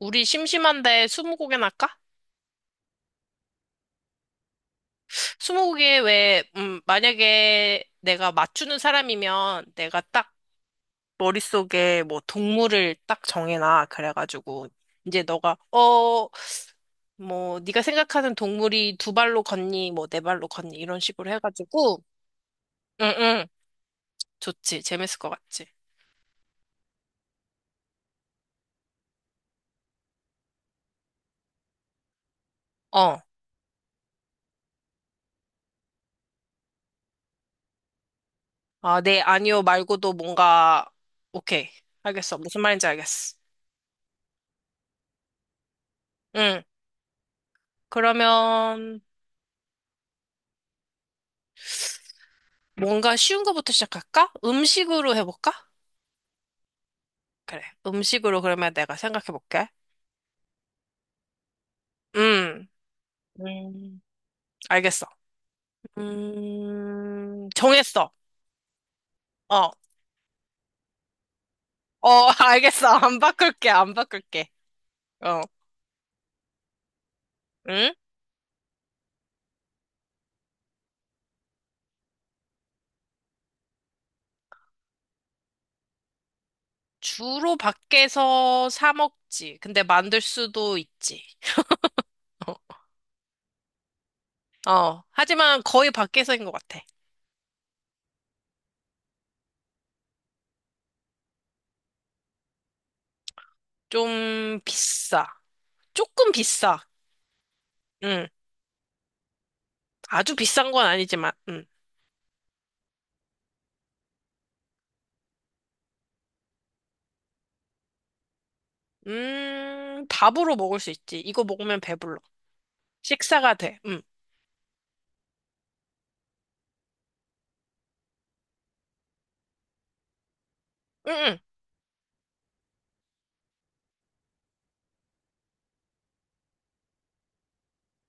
우리 심심한데 스무고개나 할까? 스무고개 왜, 만약에 내가 맞추는 사람이면 내가 딱 머릿속에 뭐 동물을 딱 정해놔. 그래가지고 이제 너가, 어, 뭐 네가 생각하는 동물이 두 발로 걷니, 뭐 네 발로 걷니 이런 식으로 해가지고, 응, 응, 좋지. 재밌을 것 같지? 어, 아, 네, 아니요 말고도 뭔가, 오케이. 알겠어. 무슨 말인지 알겠어. 응. 그러면, 뭔가 쉬운 거부터 시작할까? 음식으로 해볼까? 그래. 음식으로 그러면 내가 생각해볼게. 음, 음, 알겠어. 정했어. 어, 어, 알겠어. 안 바꿀게, 안 바꿀게. 어, 응? 주로 밖에서 사 먹지. 근데 만들 수도 있지. 어, 하지만 거의 밖에서인 것 같아. 좀 비싸. 조금 비싸. 응, 아주 비싼 건 아니지만, 응. 밥으로 먹을 수 있지. 이거 먹으면 배불러. 식사가 돼. 응, 응, 응.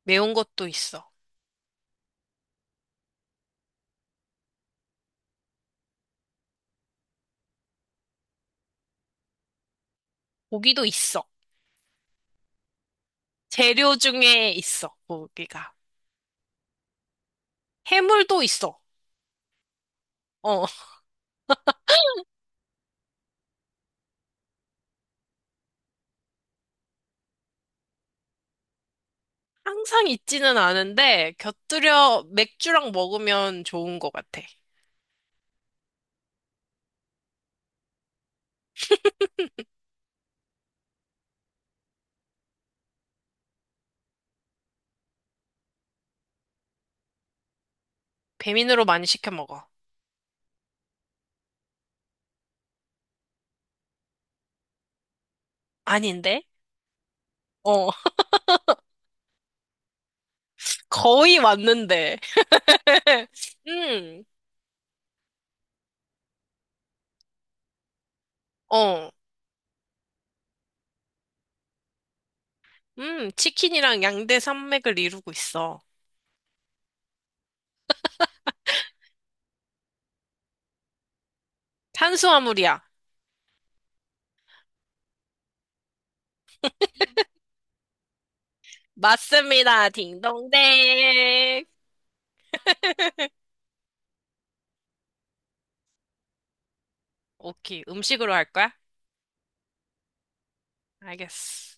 매운 것도 있어. 고기도 있어. 재료 중에 있어, 고기가. 해물도 있어. 어, 항상 있지는 않은데, 곁들여 맥주랑 먹으면 좋은 것 같아. 배민으로 많이 시켜 먹어. 아닌데? 어, 거의 왔는데. 음, 어, 치킨이랑 양대 산맥을 이루고 있어. 탄수화물이야. 맞습니다. 딩동댕. 오케이. 음식으로 할 거야? 알겠어.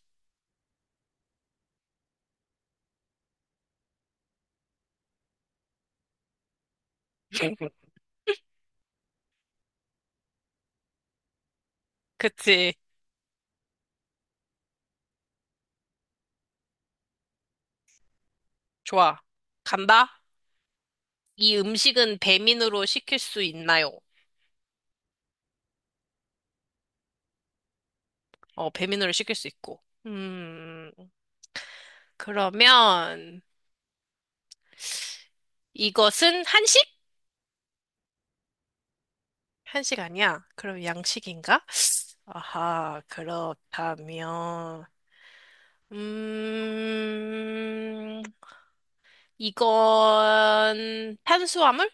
그치. 좋아. 간다. 이 음식은 배민으로 시킬 수 있나요? 어, 배민으로 시킬 수 있고. 그러면 이것은 한식? 한식 아니야. 그럼 양식인가? 아하, 그렇다면, 음, 이건 탄수화물?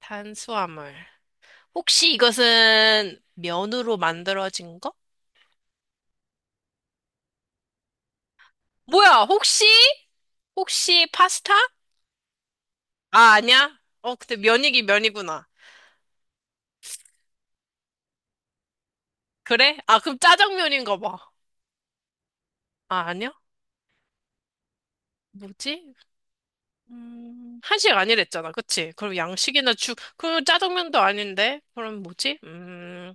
탄수화물. 혹시 이것은 면으로 만들어진 거? 뭐야, 혹시? 혹시 파스타? 아, 아니야? 어, 근데 면이긴 면이구나. 그래? 아, 그럼 짜장면인가 봐. 아, 아니야? 뭐지? 한식 아니랬잖아. 그치? 그럼 양식이나 죽, 그럼 짜장면도 아닌데? 그럼 뭐지?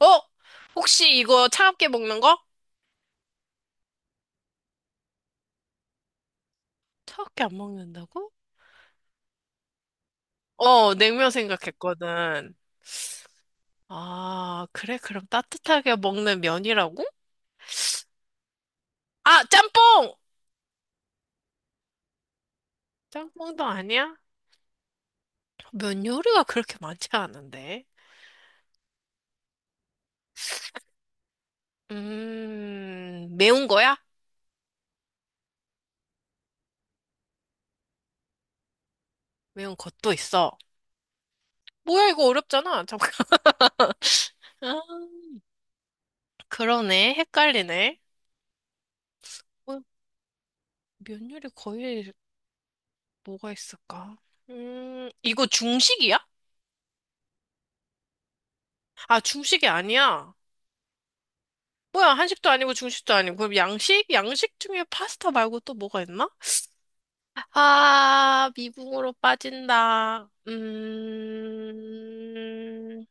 어? 혹시 이거 차갑게 먹는 거? 차갑게 안 먹는다고? 어, 냉면 생각했거든. 아, 그래? 그럼 따뜻하게 먹는 면이라고? 아, 짬뽕! 짬뽕도 아니야? 면 요리가 그렇게 많지 않은데. 매운 거야? 매운 것도 있어. 뭐야, 이거 어렵잖아. 잠깐. 아, 그러네. 헷갈리네. 어, 면 요리 거의 뭐가 있을까? 이거 중식이야? 아, 중식이 아니야. 뭐야, 한식도 아니고 중식도 아니고. 그럼 양식? 양식 중에 파스타 말고 또 뭐가 있나? 아, 미궁으로 빠진다.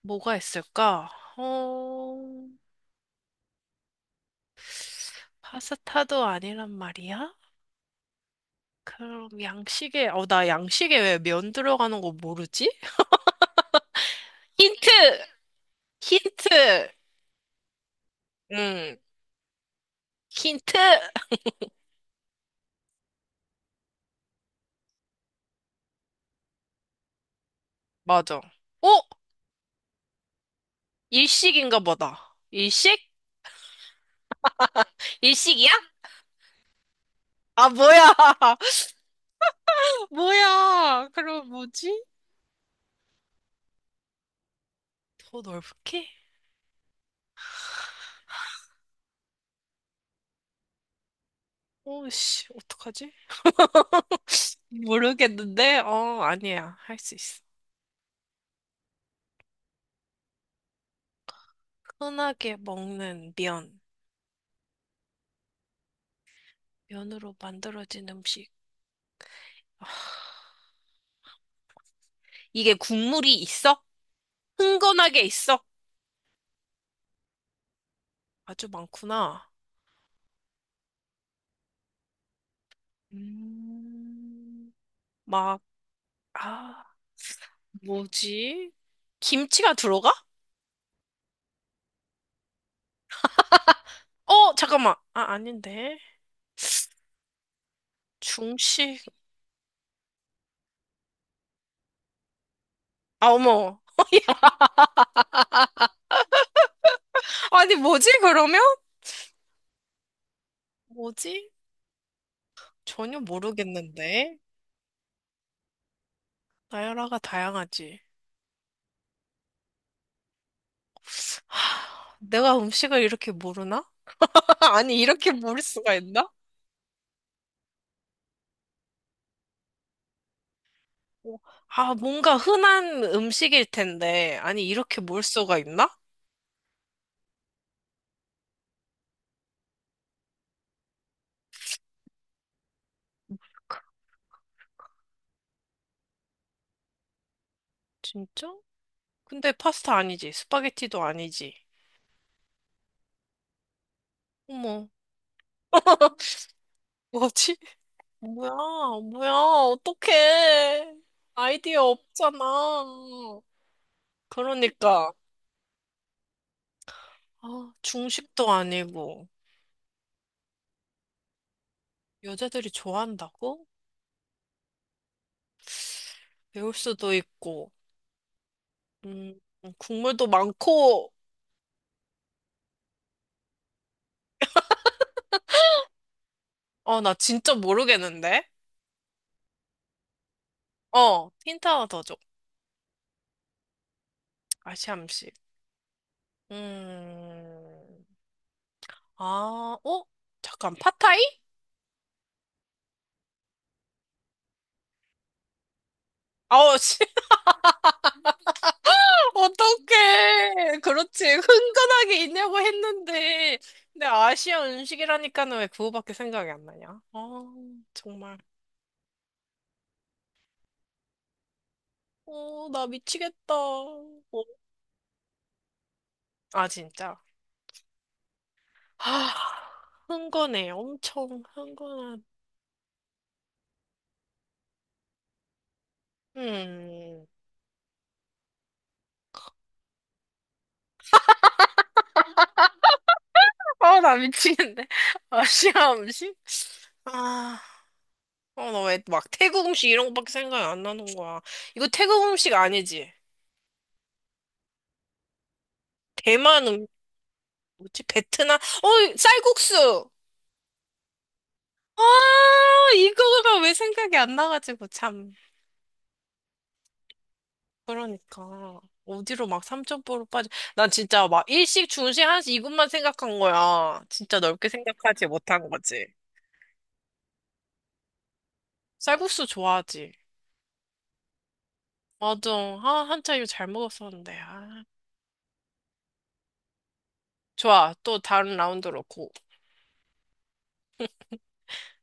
뭐가 있을까? 어, 파스타도 아니란 말이야? 그럼 양식에, 어, 나 양식에 왜 면 들어가는 거 모르지? 힌트! 힌트! 응, 힌트! 맞아. 어? 일식인가 보다. 일식? 일식이야? 아, 뭐야. 뭐야. 그럼 뭐지? 더 넓게? 오, 씨, 어떡하지? 모르겠는데? 어, 아니야. 할 수 있어. 흔하게 먹는 면. 면으로 만들어진 음식. 아, 이게 국물이 있어? 흥건하게 있어? 아주 많구나. 음, 막, 아, 뭐지? 김치가 들어가? 어, 잠깐만. 아, 아닌데. 중식. 아, 어머. 아니, 뭐지, 그러면? 뭐지? 전혀 모르겠는데. 나열아가 다양하지. 하, 내가 음식을 이렇게 모르나? 아니, 이렇게 모를 수가 있나? 어, 아, 뭔가 흔한 음식일 텐데. 아니, 이렇게 몰 수가 있나? 진짜? 근데 파스타 아니지. 스파게티도 아니지. 어머, 뭐지? 뭐야, 뭐야, 어떡해. 아이디어 없잖아. 그러니까. 아, 중식도 아니고. 여자들이 좋아한다고? 배울 수도 있고. 음, 국물도 많고. 어, 나 진짜 모르겠는데? 어, 힌트 하나 더 줘. 아시암식. 음. 아, 어? 잠깐, 팟타이? 아우, 씨, 어떡해. 그렇지. 흥건하게 있냐고 했는데. 근데 아시아 음식이라니까는 왜 그거밖에 생각이 안 나냐? 아, 정말. 어, 나 미치겠다. 어, 아, 진짜. 아, 흥건해. 엄청 흥건한. 음. 아, 나 미치겠네. 아시아 음식? 아, 어, 나 왜 막 태국 음식 이런 거밖에 생각이 안 나는 거야. 이거 태국 음식 아니지? 대만 뭐지? 베트남? 어, 쌀국수! 아, 이거가 왜 생각이 안 나가지고, 참. 그러니까. 어디로 막삼천포로 빠져. 난 진짜 막 일식, 중식, 한식 이것만 생각한 거야. 진짜 넓게 생각하지 못한 거지. 쌀국수 좋아하지? 맞아. 아, 한참 이거 잘 먹었었는데. 아. 좋아. 또 다른 라운드로 고.